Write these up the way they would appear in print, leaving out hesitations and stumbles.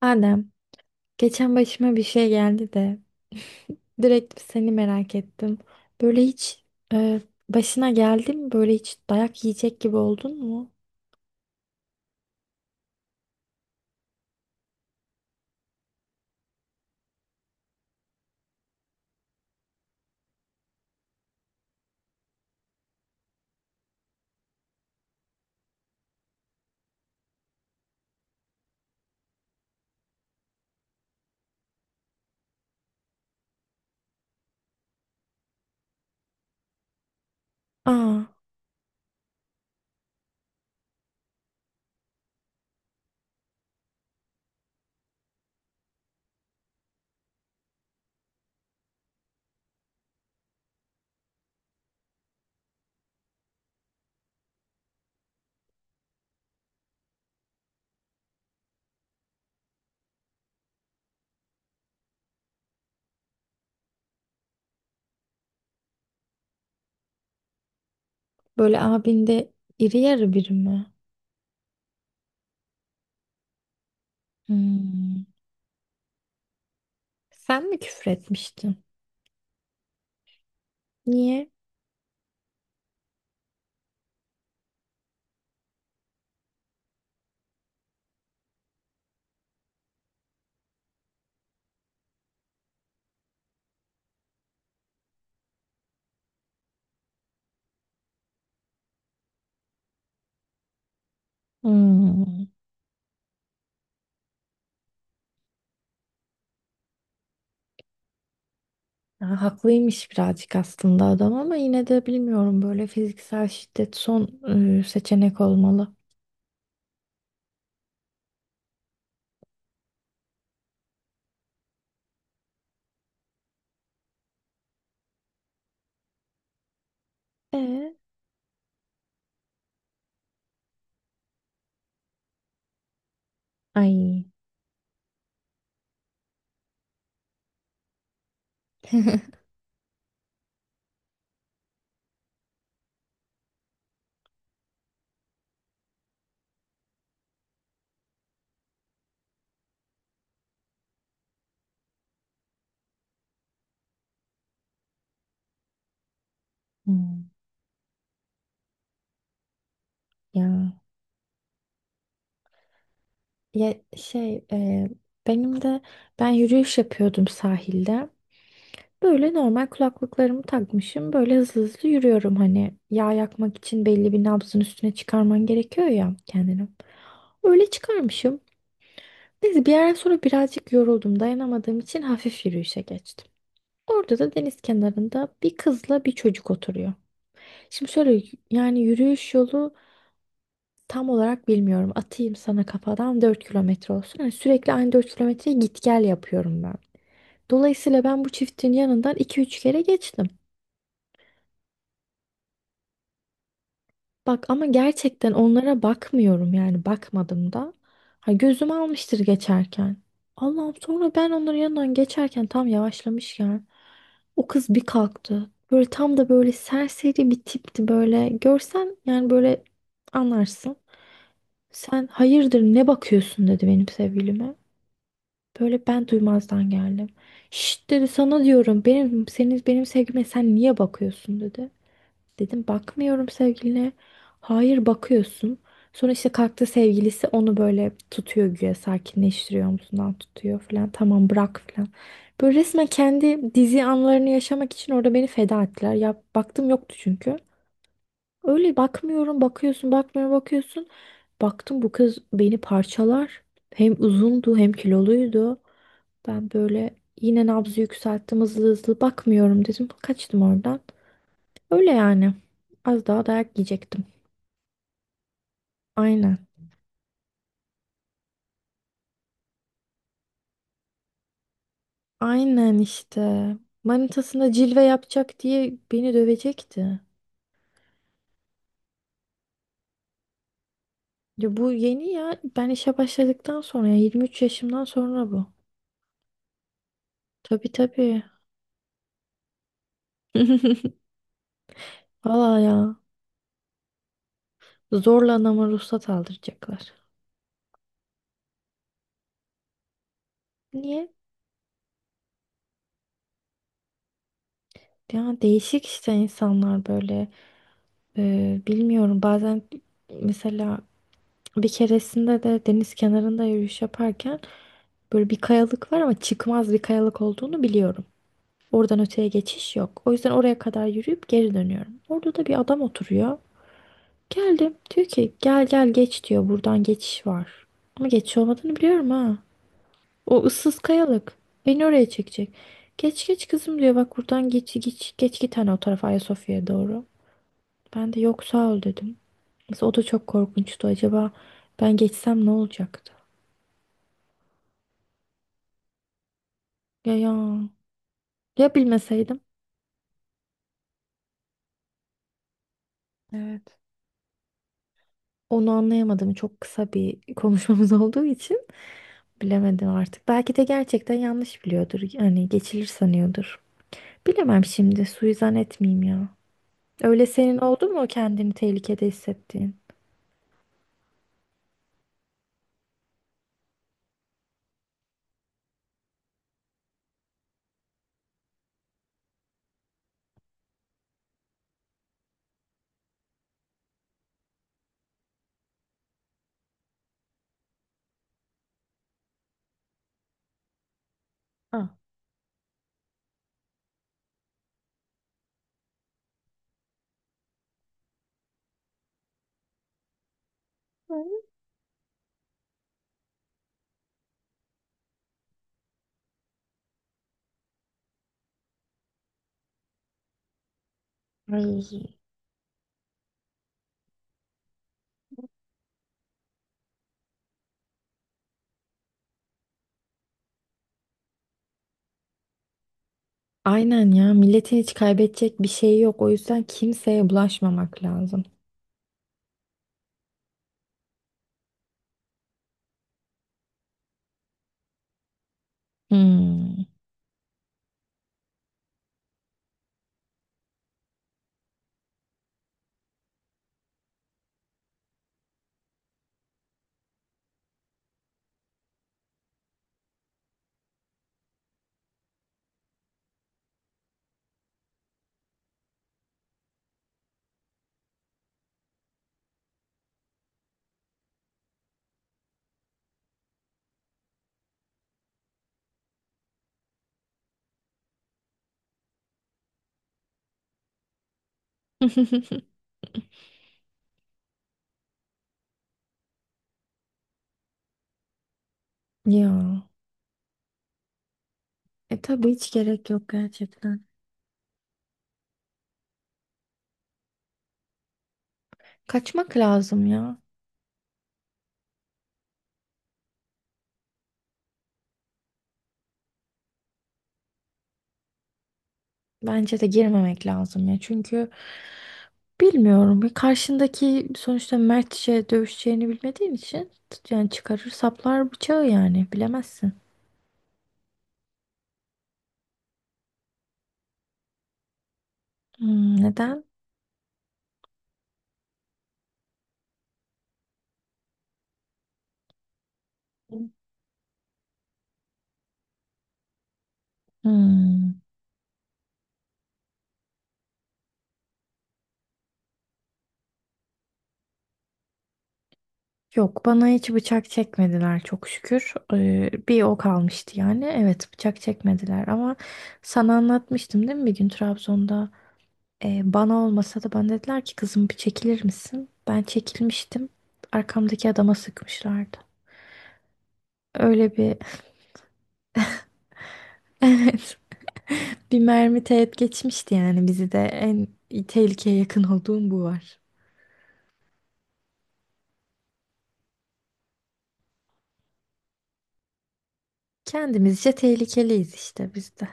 Adem, geçen başıma bir şey geldi de direkt seni merak ettim. Böyle hiç e, başına geldi mi? Böyle hiç dayak yiyecek gibi oldun mu? Aa, böyle abinde iri yarı biri mi? Hmm. Sen mi küfür etmiştin? Niye? Hmm. Ya, haklıymış birazcık aslında adam ama yine de bilmiyorum böyle fiziksel şiddet son seçenek olmalı. Ee? Ay. Hmm. Ya. Ya benim de ben yürüyüş yapıyordum sahilde. Böyle normal kulaklıklarımı takmışım. Böyle hızlı hızlı yürüyorum, hani yağ yakmak için belli bir nabzın üstüne çıkarman gerekiyor ya kendini. Öyle çıkarmışım. Neyse bir yerden sonra birazcık yoruldum. Dayanamadığım için hafif yürüyüşe geçtim. Orada da deniz kenarında bir kızla bir çocuk oturuyor. Şimdi şöyle yani yürüyüş yolu. Tam olarak bilmiyorum. Atayım sana kafadan 4 kilometre olsun. Yani sürekli aynı 4 kilometreyi git gel yapıyorum ben. Dolayısıyla ben bu çiftin yanından iki üç kere geçtim. Bak ama gerçekten onlara bakmıyorum yani, bakmadım da. Ha, gözüm almıştır geçerken. Allah'ım, sonra ben onların yanından geçerken tam yavaşlamışken o kız bir kalktı. Böyle tam da böyle serseri bir tipti böyle. Görsen yani, böyle anlarsın. Sen hayırdır, ne bakıyorsun dedi benim sevgilime. Böyle ben duymazdan geldim. Şşt dedi, sana diyorum, benim senin benim sevgilime sen niye bakıyorsun dedi. Dedim bakmıyorum sevgiline. Hayır bakıyorsun. Sonra işte kalktı sevgilisi, onu böyle tutuyor güya sakinleştiriyor, omzundan tutuyor falan. Tamam bırak falan. Böyle resmen kendi dizi anlarını yaşamak için orada beni feda ettiler. Ya baktım yoktu çünkü. Öyle bakmıyorum, bakıyorsun, bakmıyorum, bakıyorsun. Baktım bu kız beni parçalar. Hem uzundu hem kiloluydu. Ben böyle yine nabzı yükselttim, hızlı hızlı bakmıyorum dedim. Kaçtım oradan. Öyle yani. Az daha dayak yiyecektim. Aynen. Aynen işte. Manitasına cilve yapacak diye beni dövecekti. Ya bu yeni ya. Ben işe başladıktan sonra, ya 23 yaşımdan sonra bu. Tabii, tabii. Valla ya. Zorla anama ruhsat aldıracaklar. Niye? Ya değişik işte insanlar böyle. Bilmiyorum, bazen mesela bir keresinde de deniz kenarında yürüyüş yaparken böyle bir kayalık var ama çıkmaz bir kayalık olduğunu biliyorum. Oradan öteye geçiş yok. O yüzden oraya kadar yürüyüp geri dönüyorum. Orada da bir adam oturuyor. Geldim. Diyor ki gel gel geç diyor. Buradan geçiş var. Ama geçiş olmadığını biliyorum ha. O ıssız kayalık. Beni oraya çekecek. Geç geç kızım diyor. Bak buradan geç geç geç git, hani o tarafa Ayasofya'ya doğru. Ben de yok sağ ol dedim. Mesela o da çok korkunçtu. Acaba ben geçsem ne olacaktı? Ya ya. Ya bilmeseydim. Evet. Onu anlayamadım. Çok kısa bir konuşmamız olduğu için bilemedim artık. Belki de gerçekten yanlış biliyordur. Yani geçilir sanıyordur. Bilemem şimdi. Suizan etmeyeyim ya. Öyle senin oldu mu kendini tehlikede hissettiğin? Ah. Ay. Aynen ya, milletin hiç kaybedecek bir şeyi yok. O yüzden kimseye bulaşmamak lazım. Hmm. Ya. E tabii, hiç gerek yok gerçekten. Kaçmak lazım ya. Bence de girmemek lazım ya. Çünkü bilmiyorum. Bir karşındaki sonuçta mertçe dövüşeceğini bilmediğin için, yani çıkarır saplar bıçağı, yani bilemezsin. Hmm, neden? Hmm. Yok, bana hiç bıçak çekmediler çok şükür. Bir o kalmıştı yani. Evet, bıçak çekmediler ama sana anlatmıştım değil mi bir gün Trabzon'da. Bana olmasa da bana dediler ki kızım bir çekilir misin? Ben çekilmiştim. Arkamdaki adama sıkmışlardı. Öyle bir evet, bir mermi teğet geçmişti yani, bizi de en tehlikeye yakın olduğum bu var. Kendimizce tehlikeliyiz işte biz de.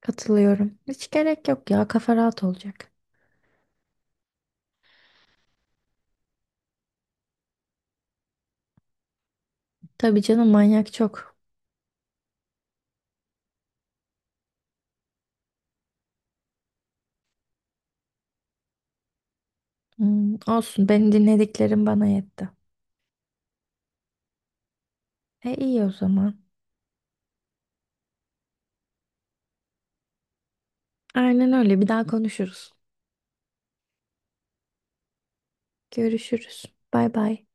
Katılıyorum. Hiç gerek yok ya, kafa rahat olacak. Tabii canım, manyak çok. Hmm, olsun, benim dinlediklerim bana yetti. E iyi o zaman. Aynen, öyle bir daha konuşuruz. Görüşürüz. Bay bay.